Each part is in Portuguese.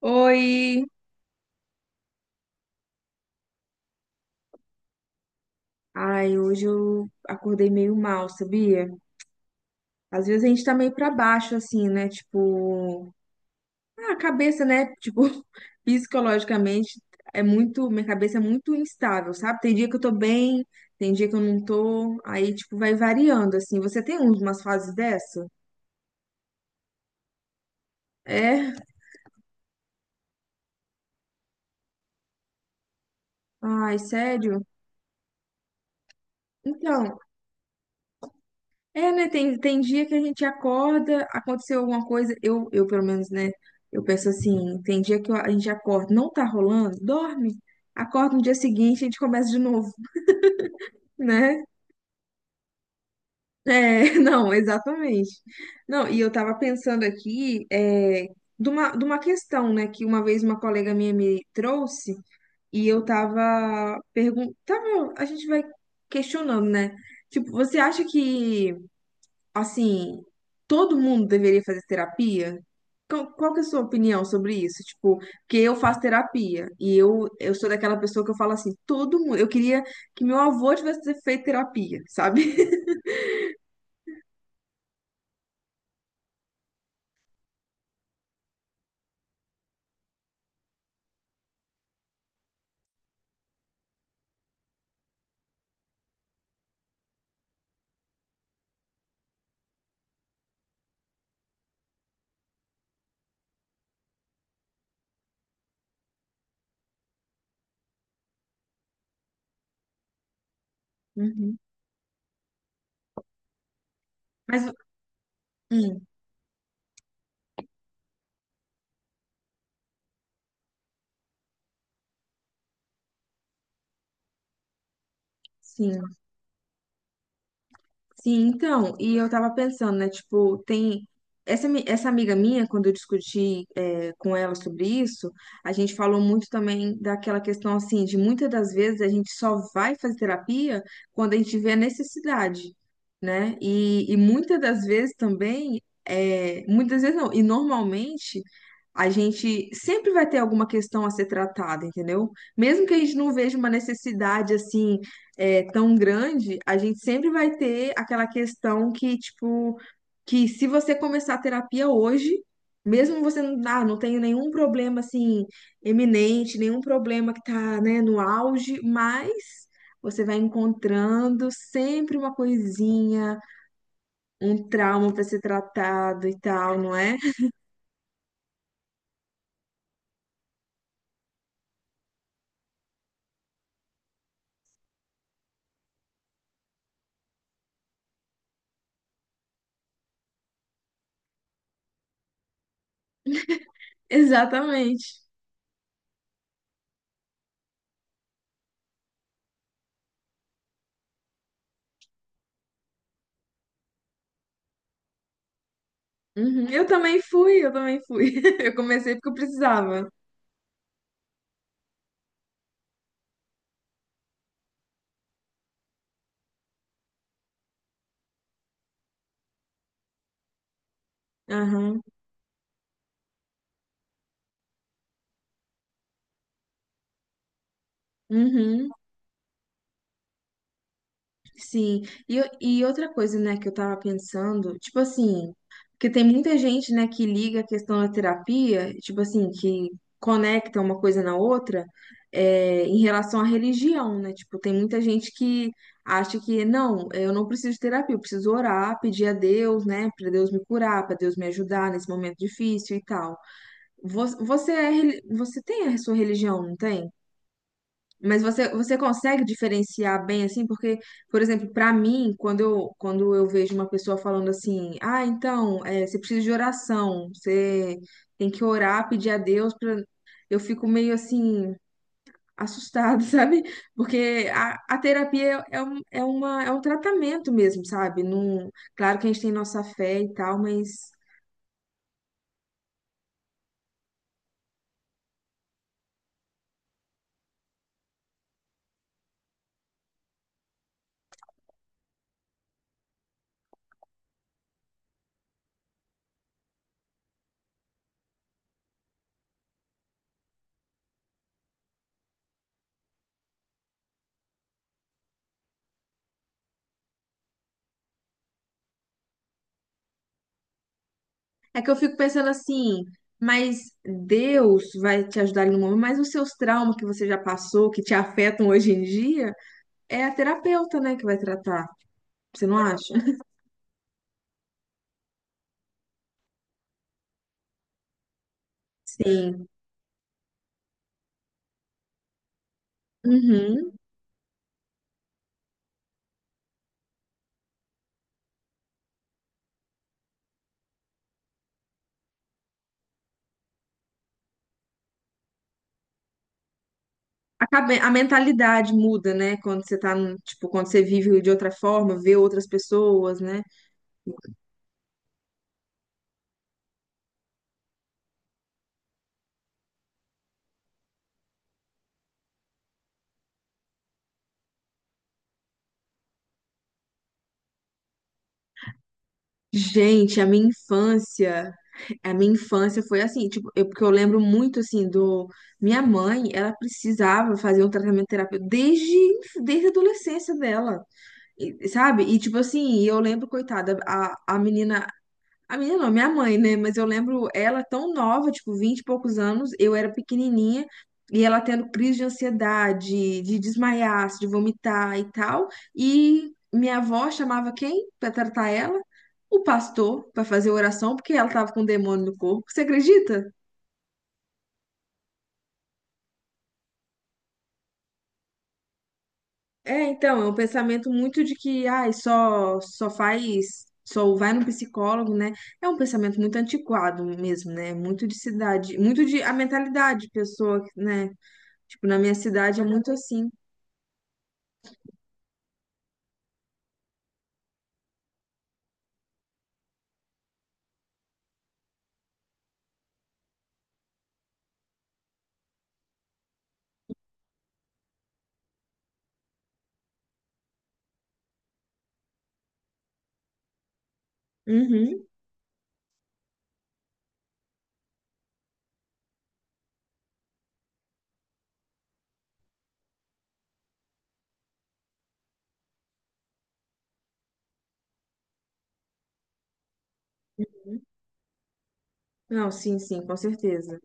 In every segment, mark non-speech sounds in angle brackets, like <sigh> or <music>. Oi! Ai, hoje eu acordei meio mal, sabia? Às vezes a gente tá meio pra baixo, assim, né? Tipo, ah, a cabeça, né? Tipo, <laughs> psicologicamente é muito, minha cabeça é muito instável, sabe? Tem dia que eu tô bem, tem dia que eu não tô, aí, tipo, vai variando, assim. Você tem umas fases dessa? É? Ai, sério? Então, é, né? Tem dia que a gente acorda, aconteceu alguma coisa, eu pelo menos, né? Eu penso assim, tem dia que a gente acorda, não tá rolando, dorme, acorda no dia seguinte, a gente começa de novo, né? É, <laughs> não, exatamente. Não, e eu tava pensando aqui, é, de uma questão, né, que uma vez uma colega minha me trouxe, e eu tava perguntando, tava, a gente vai questionando, né? Tipo, você acha que assim, todo mundo deveria fazer terapia? Qual que é a sua opinião sobre isso? Tipo, porque eu faço terapia e eu sou daquela pessoa que eu falo assim, todo mundo, eu queria que meu avô tivesse feito terapia, sabe? <laughs> Uhum. Mas, hum, sim. Sim, então, e eu tava pensando, né, tipo, tem essa, essa amiga minha, quando eu discuti é, com ela sobre isso, a gente falou muito também daquela questão, assim, de muitas das vezes a gente só vai fazer terapia quando a gente vê a necessidade, né, e muitas das vezes também, é, muitas vezes não, e normalmente a gente sempre vai ter alguma questão a ser tratada, entendeu? Mesmo que a gente não veja uma necessidade, assim, é, tão grande, a gente sempre vai ter aquela questão que, tipo, que se você começar a terapia hoje, mesmo você não, ah, não tenha nenhum problema, assim, eminente, nenhum problema que tá, né, no auge, mas você vai encontrando sempre uma coisinha, um trauma para ser tratado e tal, não é? <laughs> Exatamente. Uhum. Eu também fui, eu também fui. <laughs> Eu comecei porque eu precisava. Aham. Uhum. Sim, e, e outra coisa, né, que eu tava pensando, tipo assim, porque tem muita gente, né, que liga a questão da terapia, tipo assim, que conecta uma coisa na outra, é, em relação à religião, né? Tipo, tem muita gente que acha que, não, eu não preciso de terapia, eu preciso orar, pedir a Deus, né, pra Deus me curar, pra Deus me ajudar nesse momento difícil e tal. Você é, você tem a sua religião, não tem? Mas você, você consegue diferenciar bem assim? Porque, por exemplo, para mim, quando eu vejo uma pessoa falando assim, ah, então, você precisa de oração, você tem que orar, pedir a Deus, pra... eu fico meio assim, assustada, <laughs> sabe? Porque a terapia é, um, é uma, é um tratamento mesmo, sabe? Não, claro que a gente tem nossa fé e tal, mas. É que eu fico pensando assim, mas Deus vai te ajudar ali no momento, mas os seus traumas que você já passou, que te afetam hoje em dia, é a terapeuta, né, que vai tratar. Você não acha? Sim. Uhum. A, a mentalidade muda, né? Quando você tá, tipo, quando você vive de outra forma, vê outras pessoas, né? Gente, a minha infância foi assim, tipo, eu, porque eu lembro muito, assim, do... Minha mãe, ela precisava fazer um tratamento terapêutico desde a adolescência dela. E- Sabe? E tipo assim, eu lembro, coitada, a menina. A menina não, minha mãe, né? Mas eu lembro ela tão nova, tipo, 20 e poucos anos, eu era pequenininha, e ela tendo crise de ansiedade, de desmaiar, de vomitar e tal. E minha avó chamava quem pra tratar ela? O pastor, pra fazer oração, porque ela tava com um demônio no corpo. Você acredita? É, então, é um pensamento muito de que, ai, só faz, só vai no psicólogo, né? É um pensamento muito antiquado mesmo, né? Muito de cidade, muito de a mentalidade de pessoa, né? Tipo, na minha cidade é muito assim. Uhum. Não, sim, sim, com certeza.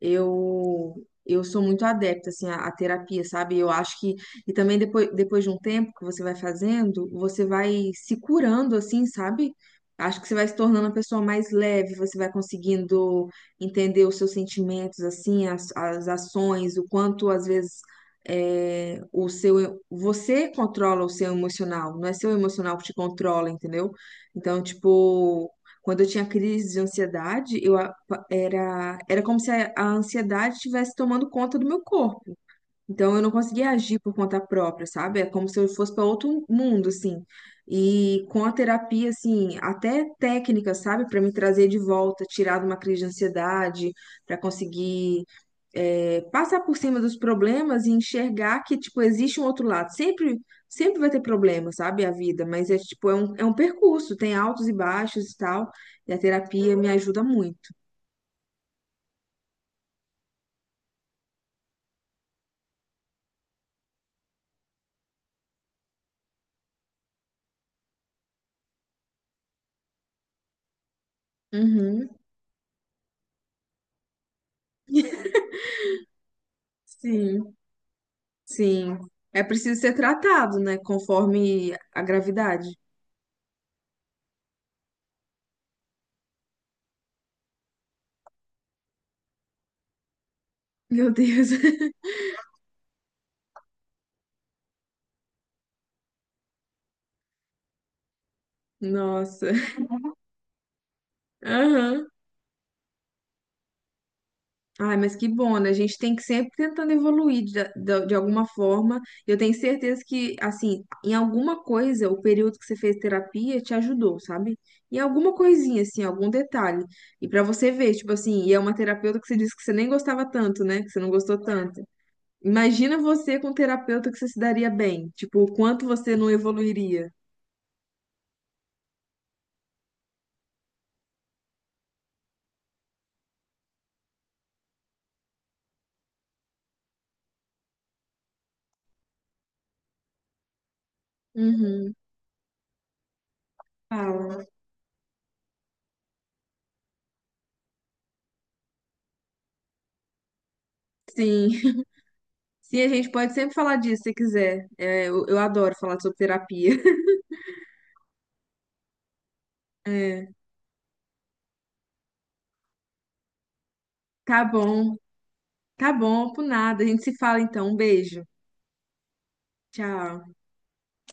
eu eu sou muito adepta assim à, à terapia, sabe? Eu acho que e também depois, depois de um tempo que você vai fazendo, você vai se curando assim, sabe? Acho que você vai se tornando uma pessoa mais leve, você vai conseguindo entender os seus sentimentos, assim, as ações, o quanto às vezes é, o seu você controla o seu emocional, não é seu emocional que te controla, entendeu? Então, tipo, quando eu tinha crise de ansiedade, eu, Era, era como se a ansiedade estivesse tomando conta do meu corpo. Então eu não conseguia agir por conta própria, sabe? É como se eu fosse para outro mundo, assim. E com a terapia, assim, até técnica, sabe? Para me trazer de volta, tirar de uma crise de ansiedade, para conseguir é, passar por cima dos problemas e enxergar que, tipo, existe um outro lado. Sempre, sempre vai ter problema, sabe? A vida, mas é, tipo, é um percurso, tem altos e baixos e tal. E a terapia me ajuda muito. Uhum. Sim, sim. É preciso ser tratado, né? Conforme a gravidade. Meu Deus. <laughs> Nossa. Aham. Ai, mas que bom, né? A gente tem que sempre tentando evoluir de alguma forma. Eu tenho certeza que, assim, em alguma coisa, o período que você fez terapia te ajudou, sabe? Em alguma coisinha, assim, algum detalhe. E pra você ver, tipo assim, e é uma terapeuta que você disse que você nem gostava tanto, né? Que você não gostou tanto. Imagina você com um terapeuta que você se daria bem. Tipo, o quanto você não evoluiria. Uhum. Fala. Sim. <laughs> Sim, a gente pode sempre falar disso se quiser. É, eu adoro falar sobre terapia. <laughs> É. Tá bom. Tá bom, por nada. A gente se fala então. Um beijo. Tchau.